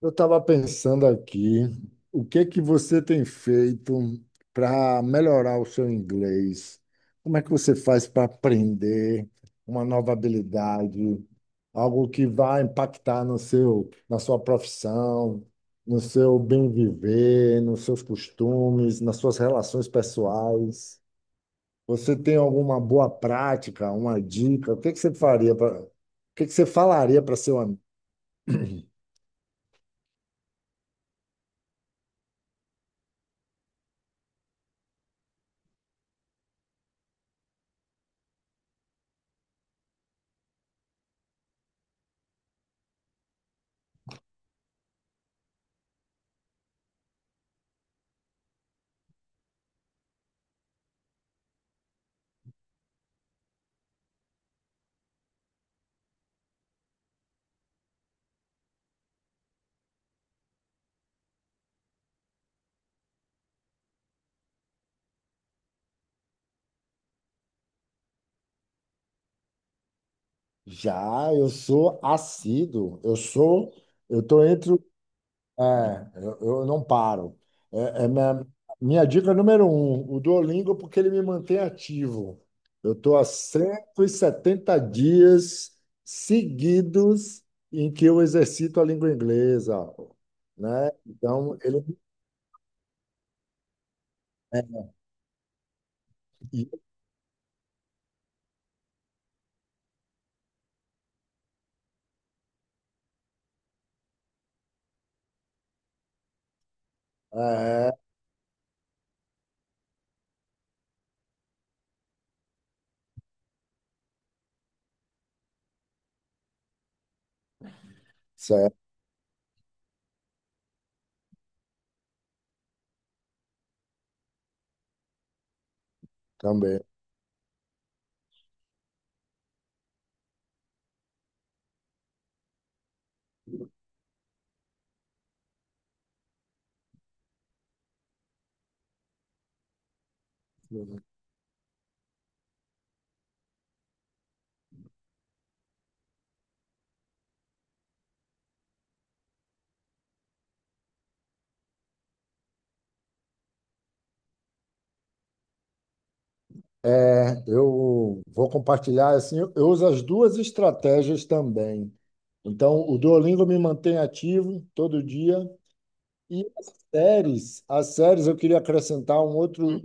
Eu estava pensando aqui, o que que você tem feito para melhorar o seu inglês? Como é que você faz para aprender uma nova habilidade, algo que vai impactar no seu, na sua profissão, no seu bem viver, nos seus costumes, nas suas relações pessoais? Você tem alguma boa prática, uma dica? O que que você faria para, o que que você falaria para seu amigo? Já, eu sou assíduo, eu sou, eu estou entre, o- é, eu não paro. É, é minha, minha dica número um, o Duolingo, porque ele me mantém ativo. Eu estou há 170 dias seguidos em que eu exercito a língua inglesa, né? Então, ele é, certo, também. É, eu vou compartilhar assim, eu uso as duas estratégias também. Então, o Duolingo me mantém ativo todo dia e as séries eu queria acrescentar um outro,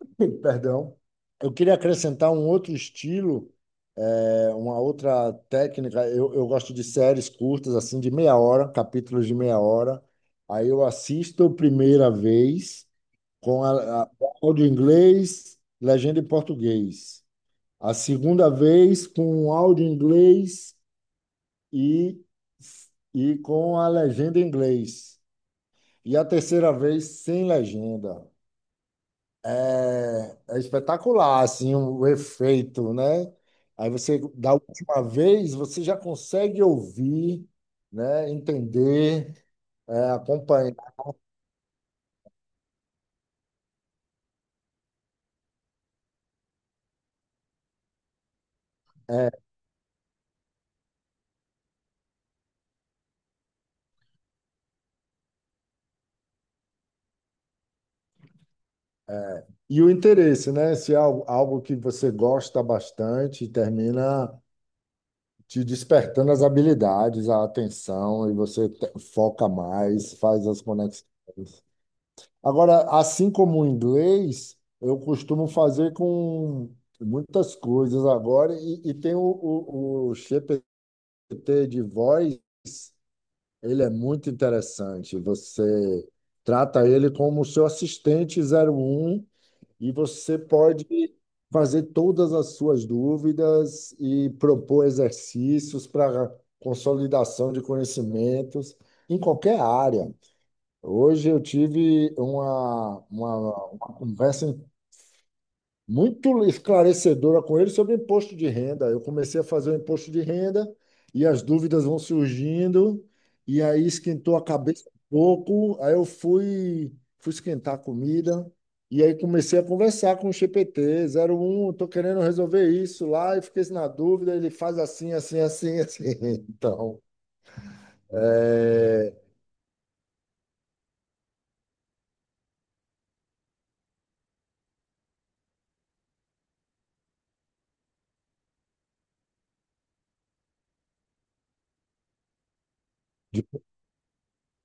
perdão, eu queria acrescentar um outro estilo, é, uma outra técnica. Eu gosto de séries curtas assim de meia hora, capítulos de meia hora. Aí eu assisto a primeira vez com áudio em inglês, legenda em português. A segunda vez com um áudio em inglês e, e com a legenda em inglês. E a terceira vez sem legenda. É, é espetacular, assim, o efeito, né? Aí você, da última vez, você já consegue ouvir, né? Entender, é, acompanhar. É, e o interesse, né? Se é algo, algo que você gosta bastante, termina, te despertando as habilidades, a atenção, e você foca mais, faz as conexões. Agora, assim como o inglês, eu costumo fazer com muitas coisas agora, e tem o GPT de voz, ele é muito interessante. Você trata ele como o seu assistente zero um. E você pode fazer todas as suas dúvidas e propor exercícios para consolidação de conhecimentos em qualquer área. Hoje eu tive uma conversa muito esclarecedora com ele sobre imposto de renda. Eu comecei a fazer o imposto de renda e as dúvidas vão surgindo, e aí esquentou a cabeça um pouco. Fui esquentar a comida, e aí comecei a conversar com o G P T zero um. Estou querendo resolver isso lá, e fiquei na dúvida, ele faz assim, assim, assim, assim. Então, é,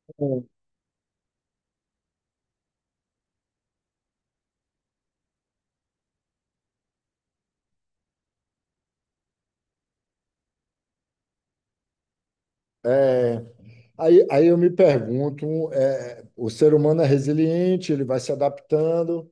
tipo, é, aí eu me pergunto, é, o ser humano é resiliente, ele vai se adaptando.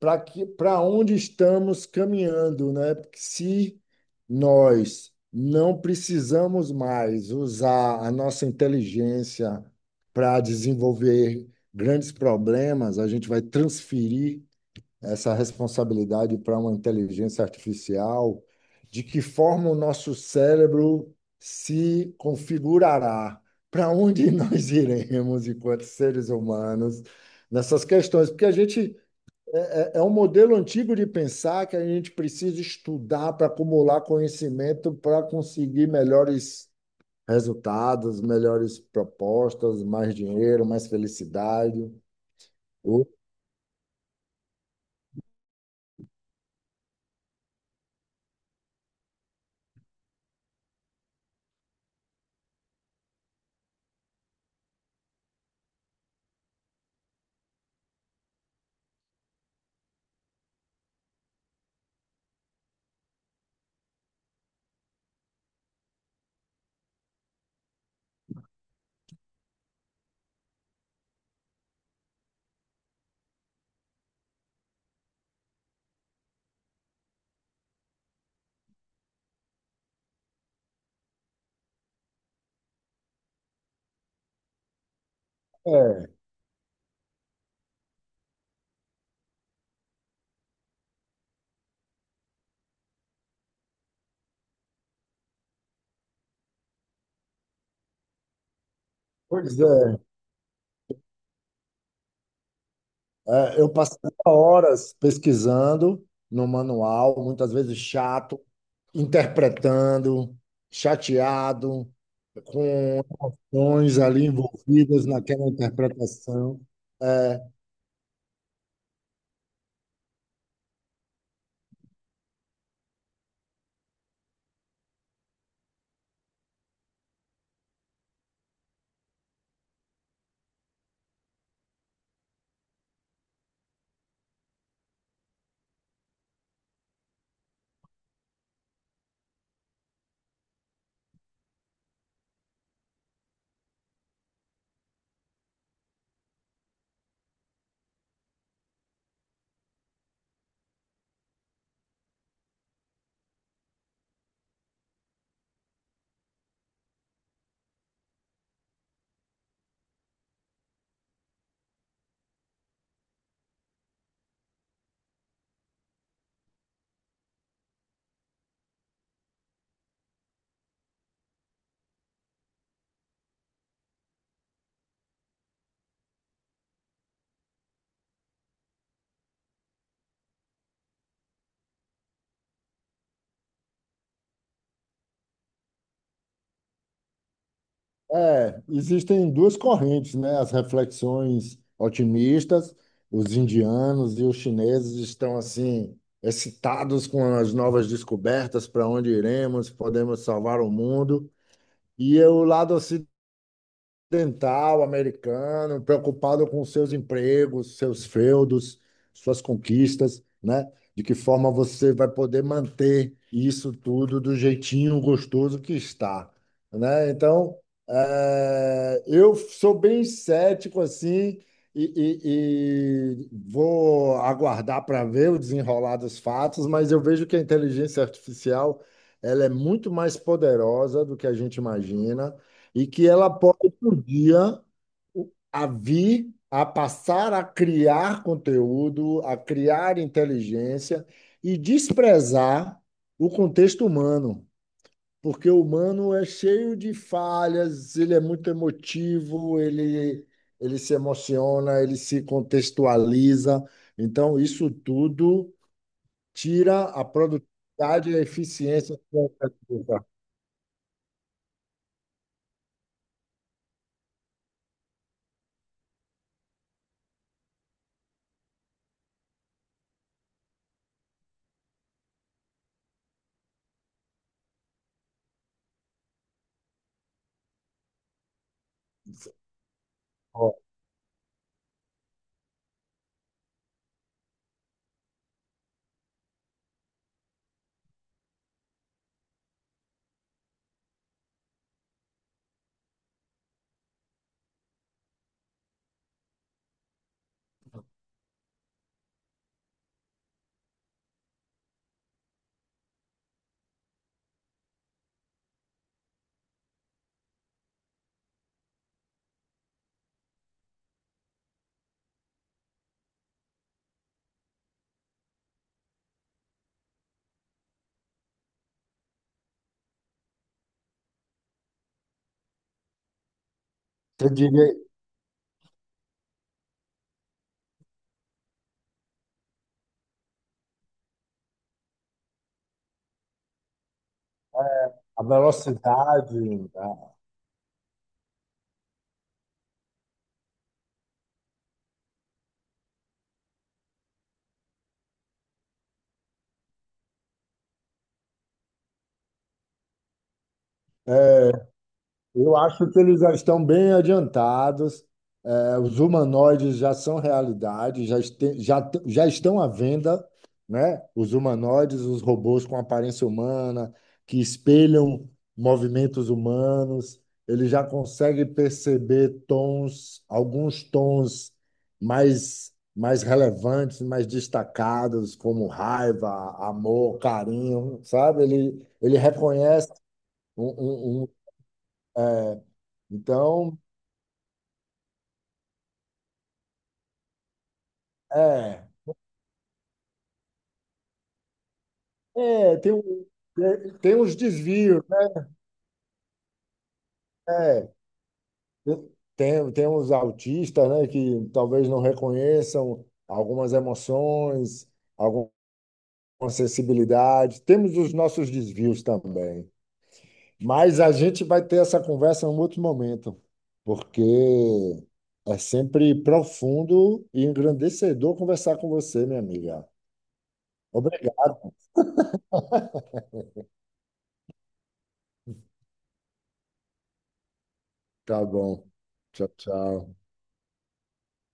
Para que, para onde estamos caminhando, né? Porque se nós não precisamos mais usar a nossa inteligência para desenvolver grandes problemas, a gente vai transferir essa responsabilidade para uma inteligência artificial, de que forma o nosso cérebro se configurará, para onde nós iremos enquanto seres humanos nessas questões, porque a gente é um modelo antigo de pensar que a gente precisa estudar para acumular conhecimento para conseguir melhores resultados, melhores propostas, mais dinheiro, mais felicidade. O- É, pois é. É, eu passava horas pesquisando no manual, muitas vezes chato, interpretando, chateado, com emoções ali envolvidas naquela interpretação. É, é, existem duas correntes, né? As reflexões otimistas, os indianos e os chineses estão assim excitados com as novas descobertas, para onde iremos, podemos salvar o mundo. E o lado dental americano, preocupado com seus empregos, seus feudos, suas conquistas, né? De que forma você vai poder manter isso tudo do jeitinho gostoso que está, né? Então, eu sou bem cético assim e vou aguardar para ver o desenrolar dos fatos, mas eu vejo que a inteligência artificial ela é muito mais poderosa do que a gente imagina e que ela pode, por dia, a vir a passar a criar conteúdo, a criar inteligência e desprezar o contexto humano, porque o humano é cheio de falhas, ele é muito emotivo, ele se emociona, ele se contextualiza. Então, isso tudo tira a produtividade e a eficiência, que é a pessoa. Você diria a velocidade, né? Eu acho que eles já estão bem adiantados. É, os humanoides já são realidade, já, este- já, t- já estão à venda, né? Os humanoides, os robôs com aparência humana, que espelham movimentos humanos, ele já consegue perceber tons, alguns tons mais, mais relevantes, mais destacados, como raiva, amor, carinho, sabe? Ele reconhece um, um- um é, então, É, é, tem, um- tem uns desvios, né? Tem uns autistas, né, que talvez não reconheçam algumas emoções, alguma sensibilidade. Temos os nossos desvios também. Mas a gente vai ter essa conversa em um outro momento, porque é sempre profundo e engrandecedor conversar com você, minha amiga. Obrigado. Tá bom. Tchau, tchau.